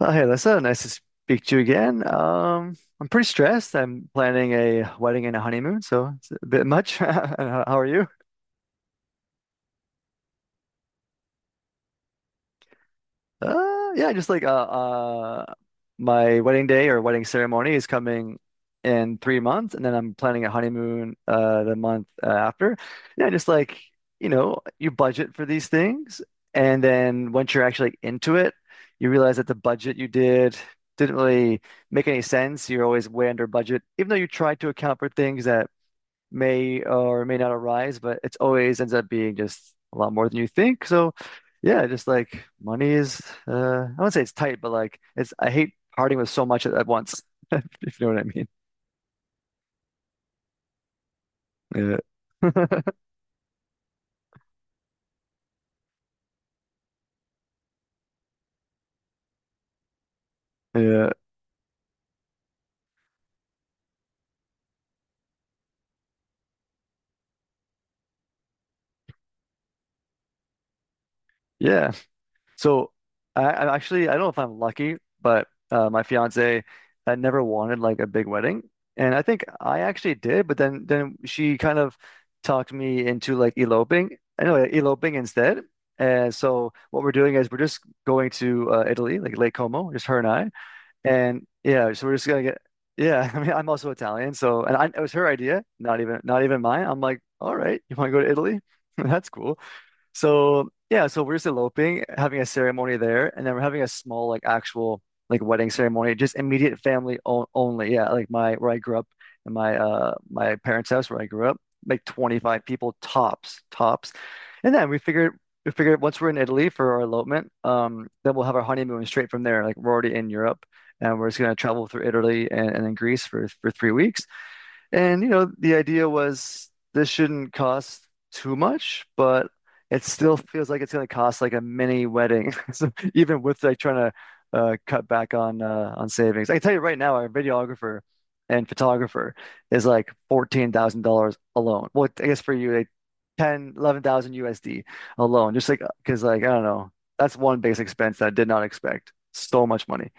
Well, hey, Alyssa, nice to speak to you again. I'm pretty stressed. I'm planning a wedding and a honeymoon, so it's a bit much. And how are you? Yeah, just like My wedding day or wedding ceremony is coming in 3 months, and then I'm planning a honeymoon the month after. Yeah, just you budget for these things, and then once you're actually, like, into it, you realize that the budget you did didn't really make any sense. You're always way under budget, even though you tried to account for things that may or may not arise, but it's always ends up being just a lot more than you think. So yeah, just like money is I wouldn't say it's tight, but like it's I hate parting with so much at once, if you know what I mean. Yeah. Yeah. Yeah. So I actually I don't know if I'm lucky, but my fiance had never wanted like a big wedding, and I think I actually did. But then she kind of talked me into like eloping. Anyway, eloping instead. And so what we're doing is we're just going to Italy, like Lake Como, just her and I. And yeah, so we're just gonna get. Yeah, I mean I'm also Italian, so and I, it was her idea, not even mine. I'm like, all right, you want to go to Italy? That's cool. So yeah, so we're just eloping, having a ceremony there, and then we're having a small like actual like wedding ceremony, just immediate family o only. Yeah, like my where I grew up in my my parents' house where I grew up, like 25 people tops, tops. And then we figured once we're in Italy for our elopement, then we'll have our honeymoon straight from there. Like we're already in Europe and we're just gonna travel through Italy and then Greece for 3 weeks. And you know, the idea was this shouldn't cost too much, but it still feels like it's going to cost like a mini wedding. So even with like trying to cut back on savings, I can tell you right now, our videographer and photographer is like $14,000 alone. Well, I guess for you, like 10, USD alone, just like because like I don't know, that's one base expense that I did not expect. So much money.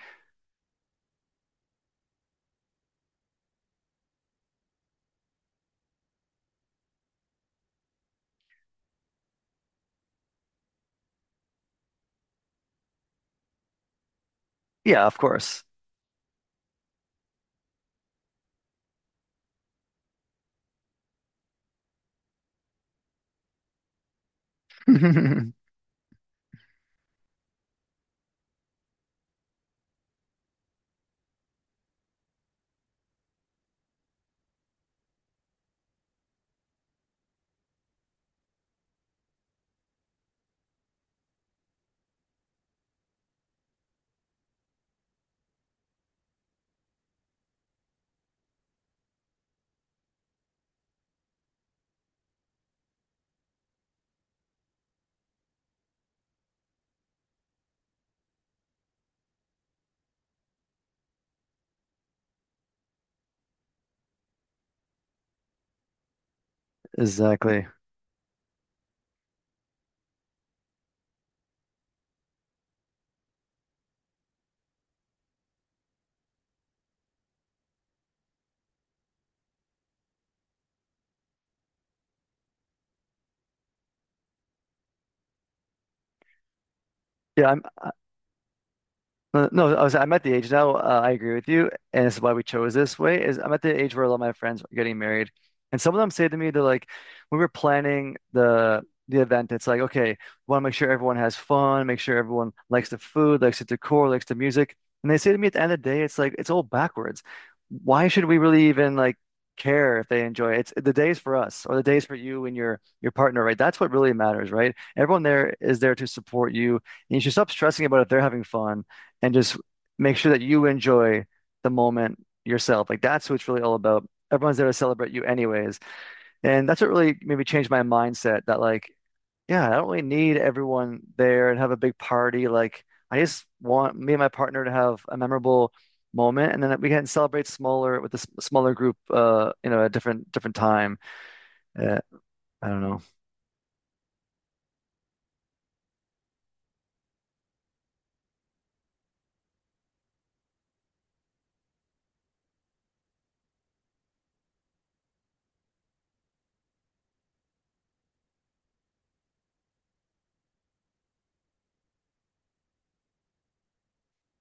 Yeah, of course. Exactly. Yeah, I'm. No, I'm at the age now. I agree with you, and this is why we chose this way. Is I'm at the age where a lot of my friends are getting married, and some of them say to me, they're like, when we were planning the event, it's like, okay, we want to make sure everyone has fun, make sure everyone likes the food, likes the decor, likes the music, and they say to me at the end of the day, it's like it's all backwards. Why should we really even like care if they enjoy it? It's the day's for us, or the day's for you and your partner, right? That's what really matters, right? Everyone there is there to support you, and you should stop stressing about if they're having fun and just make sure that you enjoy the moment yourself. Like that's what it's really all about. Everyone's there to celebrate you anyways. And that's what really maybe changed my mindset that like, yeah, I don't really need everyone there and have a big party. Like I just want me and my partner to have a memorable moment and then we can celebrate smaller with a smaller group a different time, uh, I don't know.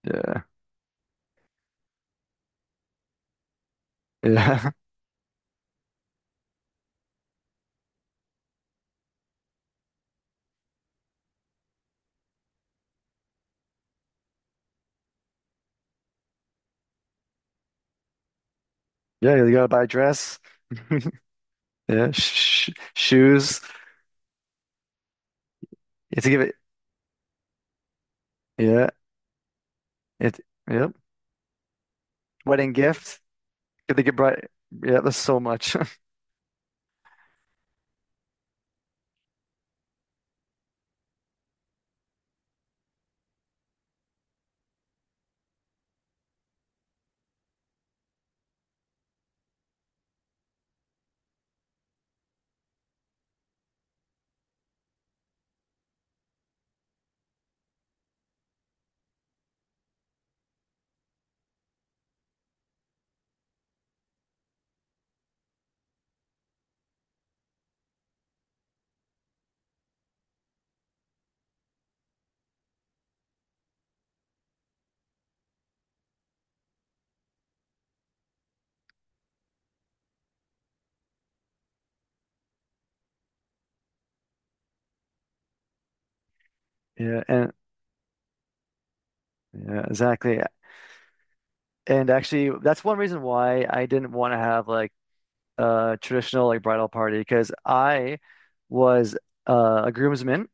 Yeah. Yeah. Yeah, you gotta buy a dress. Yeah, shoes. You have to give it. Yeah. It, yep. Wedding gifts. Did they get bride? Yeah, there's so much. Yeah, and yeah, exactly. And actually, that's one reason why I didn't want to have like a traditional like bridal party because I was a groomsman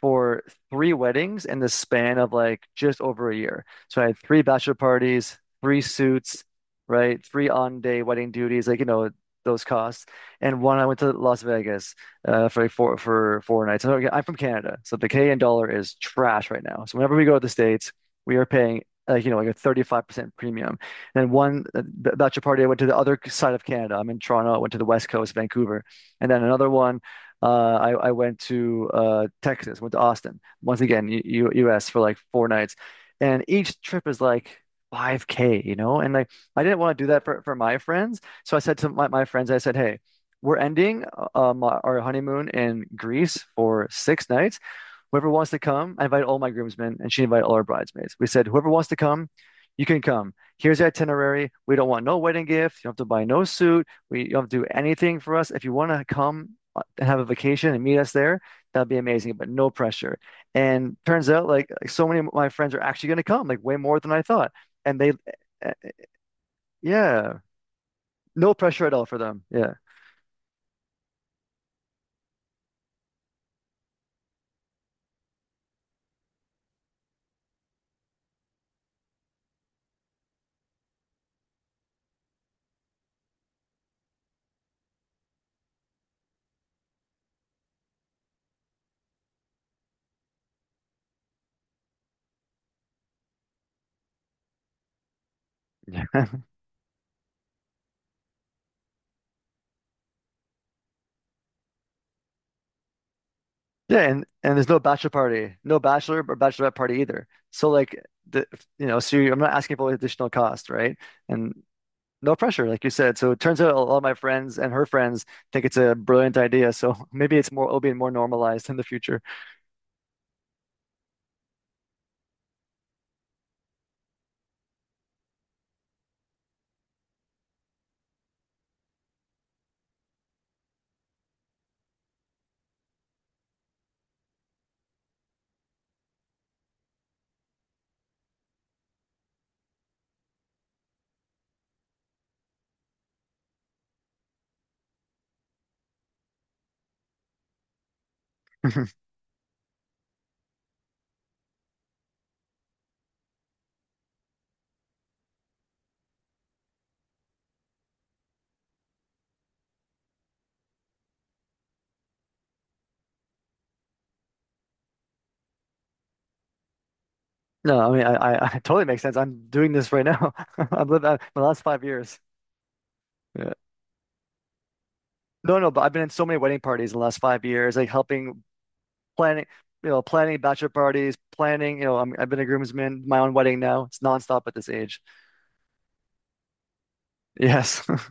for three weddings in the span of like just over a year. So I had three bachelor parties, three suits, right? Three on-day wedding duties, like, you know, those costs. And one, I went to Las Vegas for like four for four nights. So, okay, I'm from Canada, so the Canadian dollar is trash right now. So whenever we go to the States, we are paying like you know like a 35% premium. And one bachelor party, I went to the other side of Canada. I'm in Toronto. I went to the West Coast, Vancouver, and then another one I went to Texas, went to Austin, once again, US for like 4 nights. And each trip is like 5K, you know? And like, I didn't want to do that for my friends. So I said to my friends, I said, hey, we're ending our honeymoon in Greece for 6 nights. Whoever wants to come, I invite all my groomsmen, and she invited all our bridesmaids. We said, whoever wants to come, you can come. Here's the itinerary. We don't want no wedding gift. You don't have to buy no suit. We You don't have to do anything for us. If you want to come and have a vacation and meet us there, that'd be amazing, but no pressure. And turns out, like, so many of my friends are actually going to come, like way more than I thought. And they, uh, yeah, no pressure at all for them. Yeah. Yeah, and there's no bachelor party, no bachelor or bachelorette party either. So like the you know, so you, I'm not asking for additional cost, right? And no pressure, like you said. So it turns out a lot of my friends and her friends think it's a brilliant idea. So maybe it's more, it'll be more normalized in the future. No, I mean, I totally makes sense. I'm doing this right now. I've lived that my last 5 years. Yeah. No, no, but I've been in so many wedding parties in the last 5 years, like helping planning, you know, planning bachelor parties, planning, you know, I've been a groomsman, my own wedding now. It's nonstop at this age. Yes.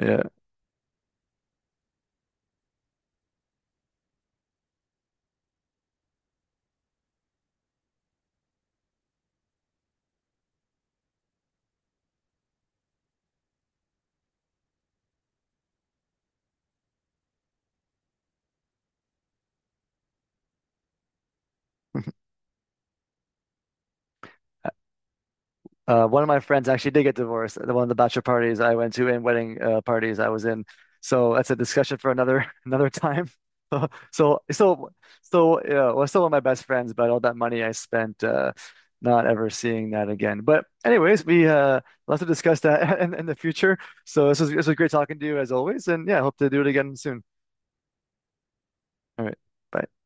Yeah. One of my friends actually did get divorced at one of the bachelor parties I went to and wedding parties I was in. So that's a discussion for another another time. So so so so yeah, well, still one of my best friends, but all that money I spent not ever seeing that again. But anyways, we lots to discuss that in the future. So this was great talking to you as always, and yeah, hope to do it again soon. All right, bye.